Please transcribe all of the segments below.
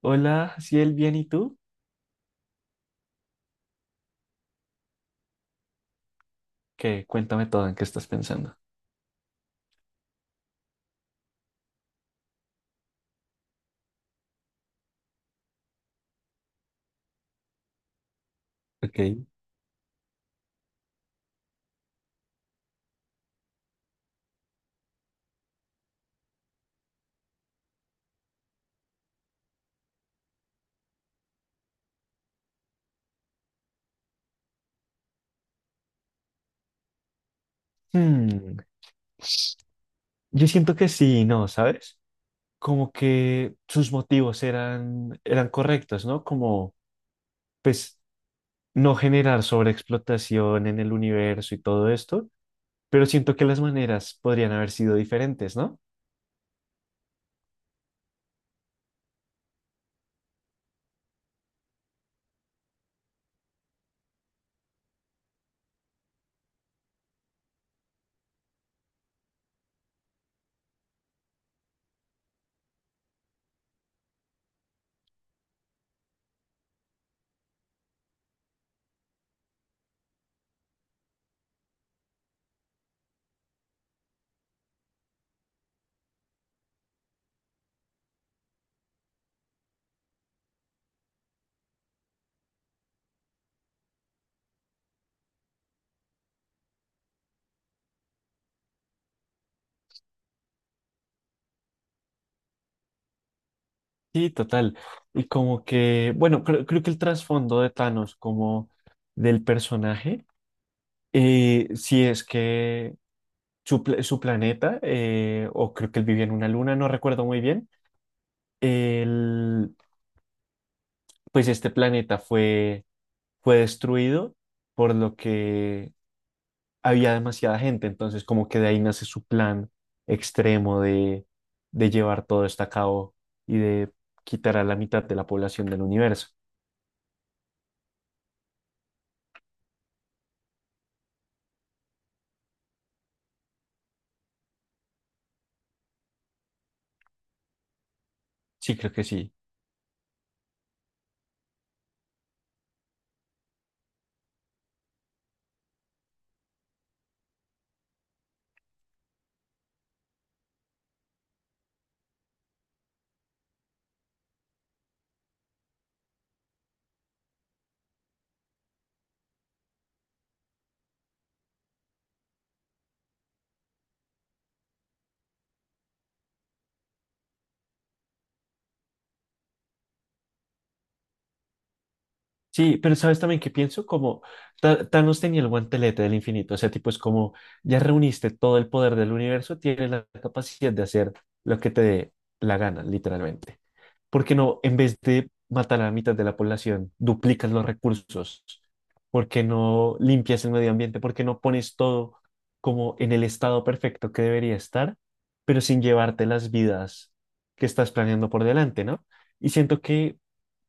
Hola, Ciel, bien, ¿y tú? ¿Qué? Cuéntame todo, ¿en qué estás pensando? Ok, Hmm, yo siento que sí, ¿no? ¿Sabes? Como que sus motivos eran correctos, ¿no? Como, pues, no generar sobreexplotación en el universo y todo esto, pero siento que las maneras podrían haber sido diferentes, ¿no? Sí, total. Y como que, bueno, creo que el trasfondo de Thanos como del personaje, sí es que su planeta, o creo que él vivía en una luna, no recuerdo muy bien. El- pues este planeta fue destruido, por lo que había demasiada gente, entonces como que de ahí nace su plan extremo de llevar todo esto a cabo y de quitar a la mitad de la población del universo. Sí, creo que sí. Sí, pero sabes también que pienso como Thanos tenía el guantelete del infinito. Ese tipo es como, ya reuniste todo el poder del universo, tienes la capacidad de hacer lo que te dé la gana, literalmente. ¿Por qué no, en vez de matar a la mitad de la población, duplicas los recursos? ¿Por qué no limpias el medio ambiente? ¿Por qué no pones todo como en el estado perfecto que debería estar, pero sin llevarte las vidas que estás planeando por delante, ¿no? Y siento que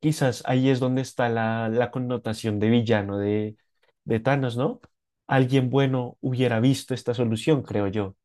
quizás ahí es donde está la connotación de villano de Thanos, ¿no? Alguien bueno hubiera visto esta solución, creo yo.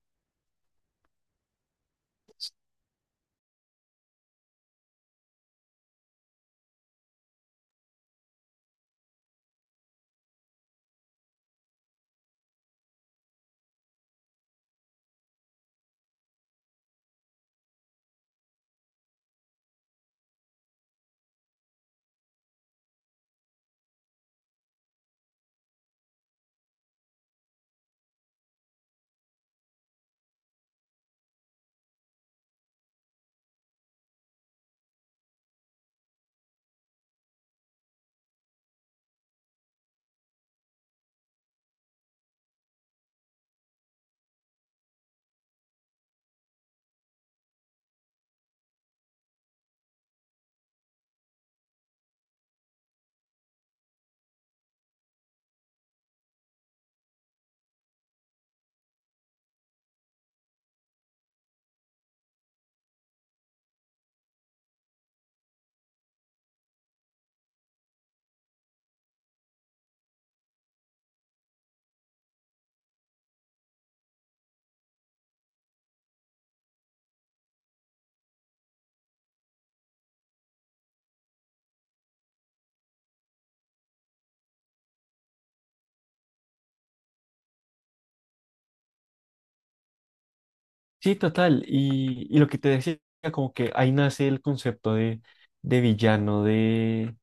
Sí, total. Y lo que te decía, como que ahí nace el concepto de villano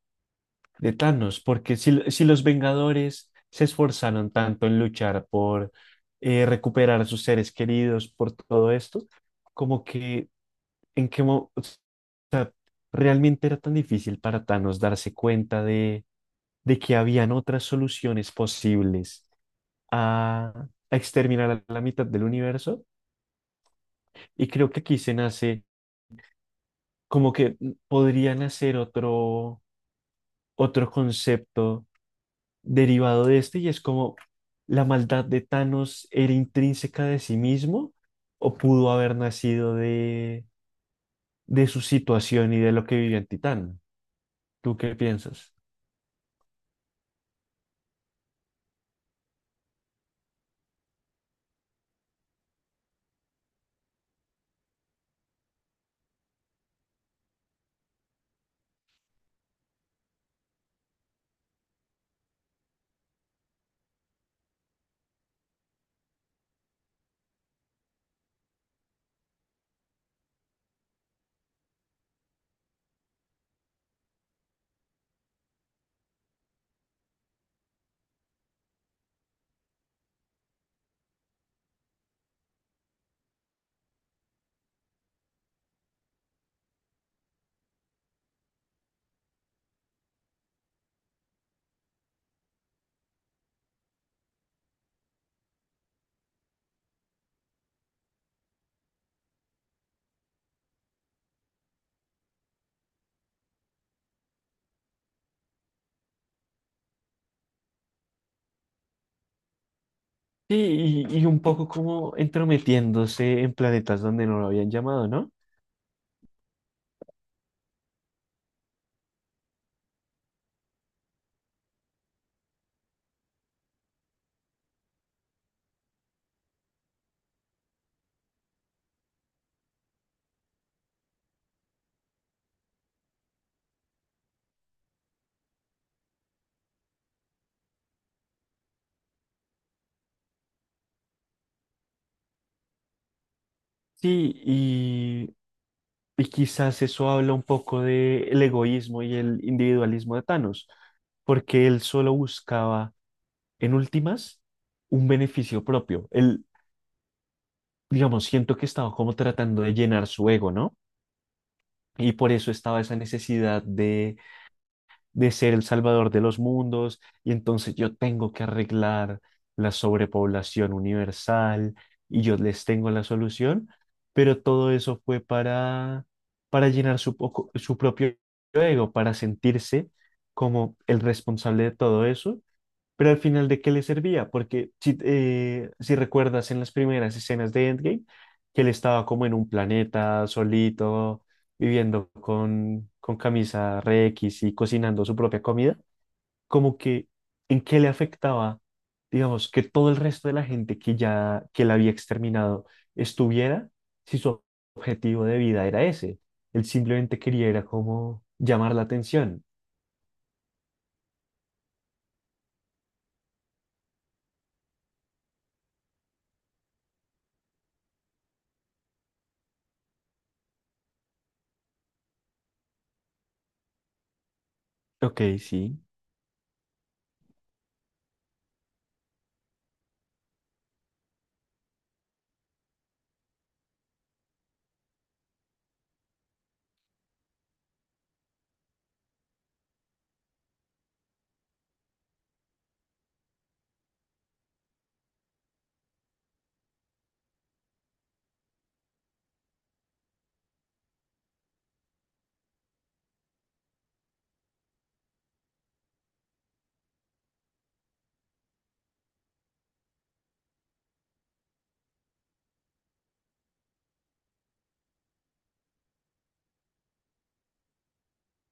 de Thanos, porque si, si los Vengadores se esforzaron tanto en luchar por recuperar a sus seres queridos, por todo esto, como que en qué o sea, realmente era tan difícil para Thanos darse cuenta de que habían otras soluciones posibles a exterminar a la mitad del universo. Y creo que aquí se nace, como que podría nacer otro concepto derivado de este, y es como, la maldad de Thanos era intrínseca de sí mismo o pudo haber nacido de su situación y de lo que vivió en Titán. ¿Tú qué piensas? Sí, y un poco como entrometiéndose en planetas donde no lo habían llamado, ¿no? Sí, y quizás eso habla un poco del egoísmo y el individualismo de Thanos, porque él solo buscaba, en últimas, un beneficio propio. Él, digamos, siento que estaba como tratando de llenar su ego, ¿no? Y por eso estaba esa necesidad de ser el salvador de los mundos, y entonces, yo tengo que arreglar la sobrepoblación universal y yo les tengo la solución, pero todo eso fue para llenar su propio ego, para sentirse como el responsable de todo eso, pero al final, ¿de qué le servía? Porque si, si recuerdas en las primeras escenas de Endgame, que él estaba como en un planeta solito, viviendo con camisa re X y cocinando su propia comida, como que, ¿en qué le afectaba, digamos, que todo el resto de la gente que la había exterminado estuviera, si su objetivo de vida era ese? Él simplemente quería era como llamar la atención. Ok, sí.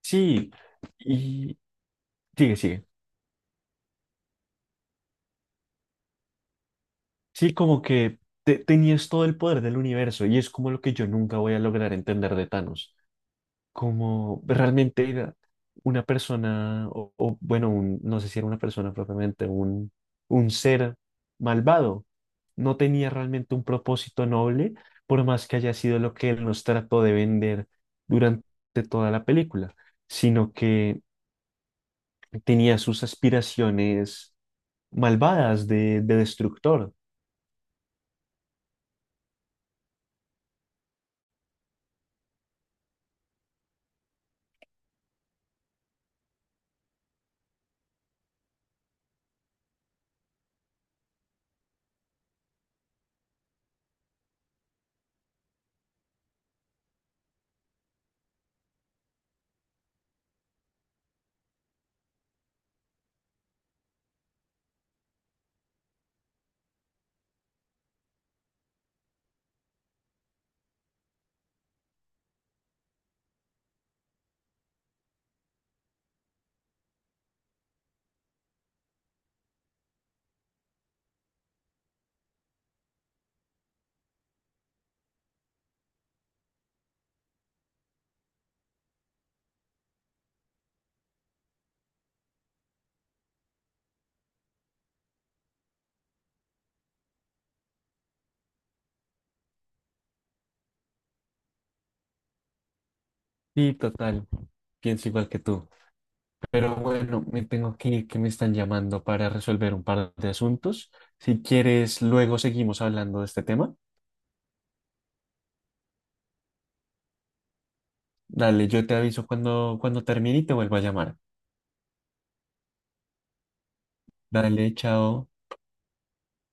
Sí, y sigue, sigue. Sí, como que tenías todo el poder del universo, y es como lo que yo nunca voy a lograr entender de Thanos. Como realmente era una persona, o, bueno, no sé si era una persona propiamente, un ser malvado. No tenía realmente un propósito noble, por más que haya sido lo que él nos trató de vender durante toda la película, sino que tenía sus aspiraciones malvadas de destructor. Sí, total, pienso igual que tú. Pero bueno, me tengo que ir, que me están llamando para resolver un par de asuntos. Si quieres, luego seguimos hablando de este tema. Dale, yo te aviso cuando termine y te vuelvo a llamar. Dale, chao.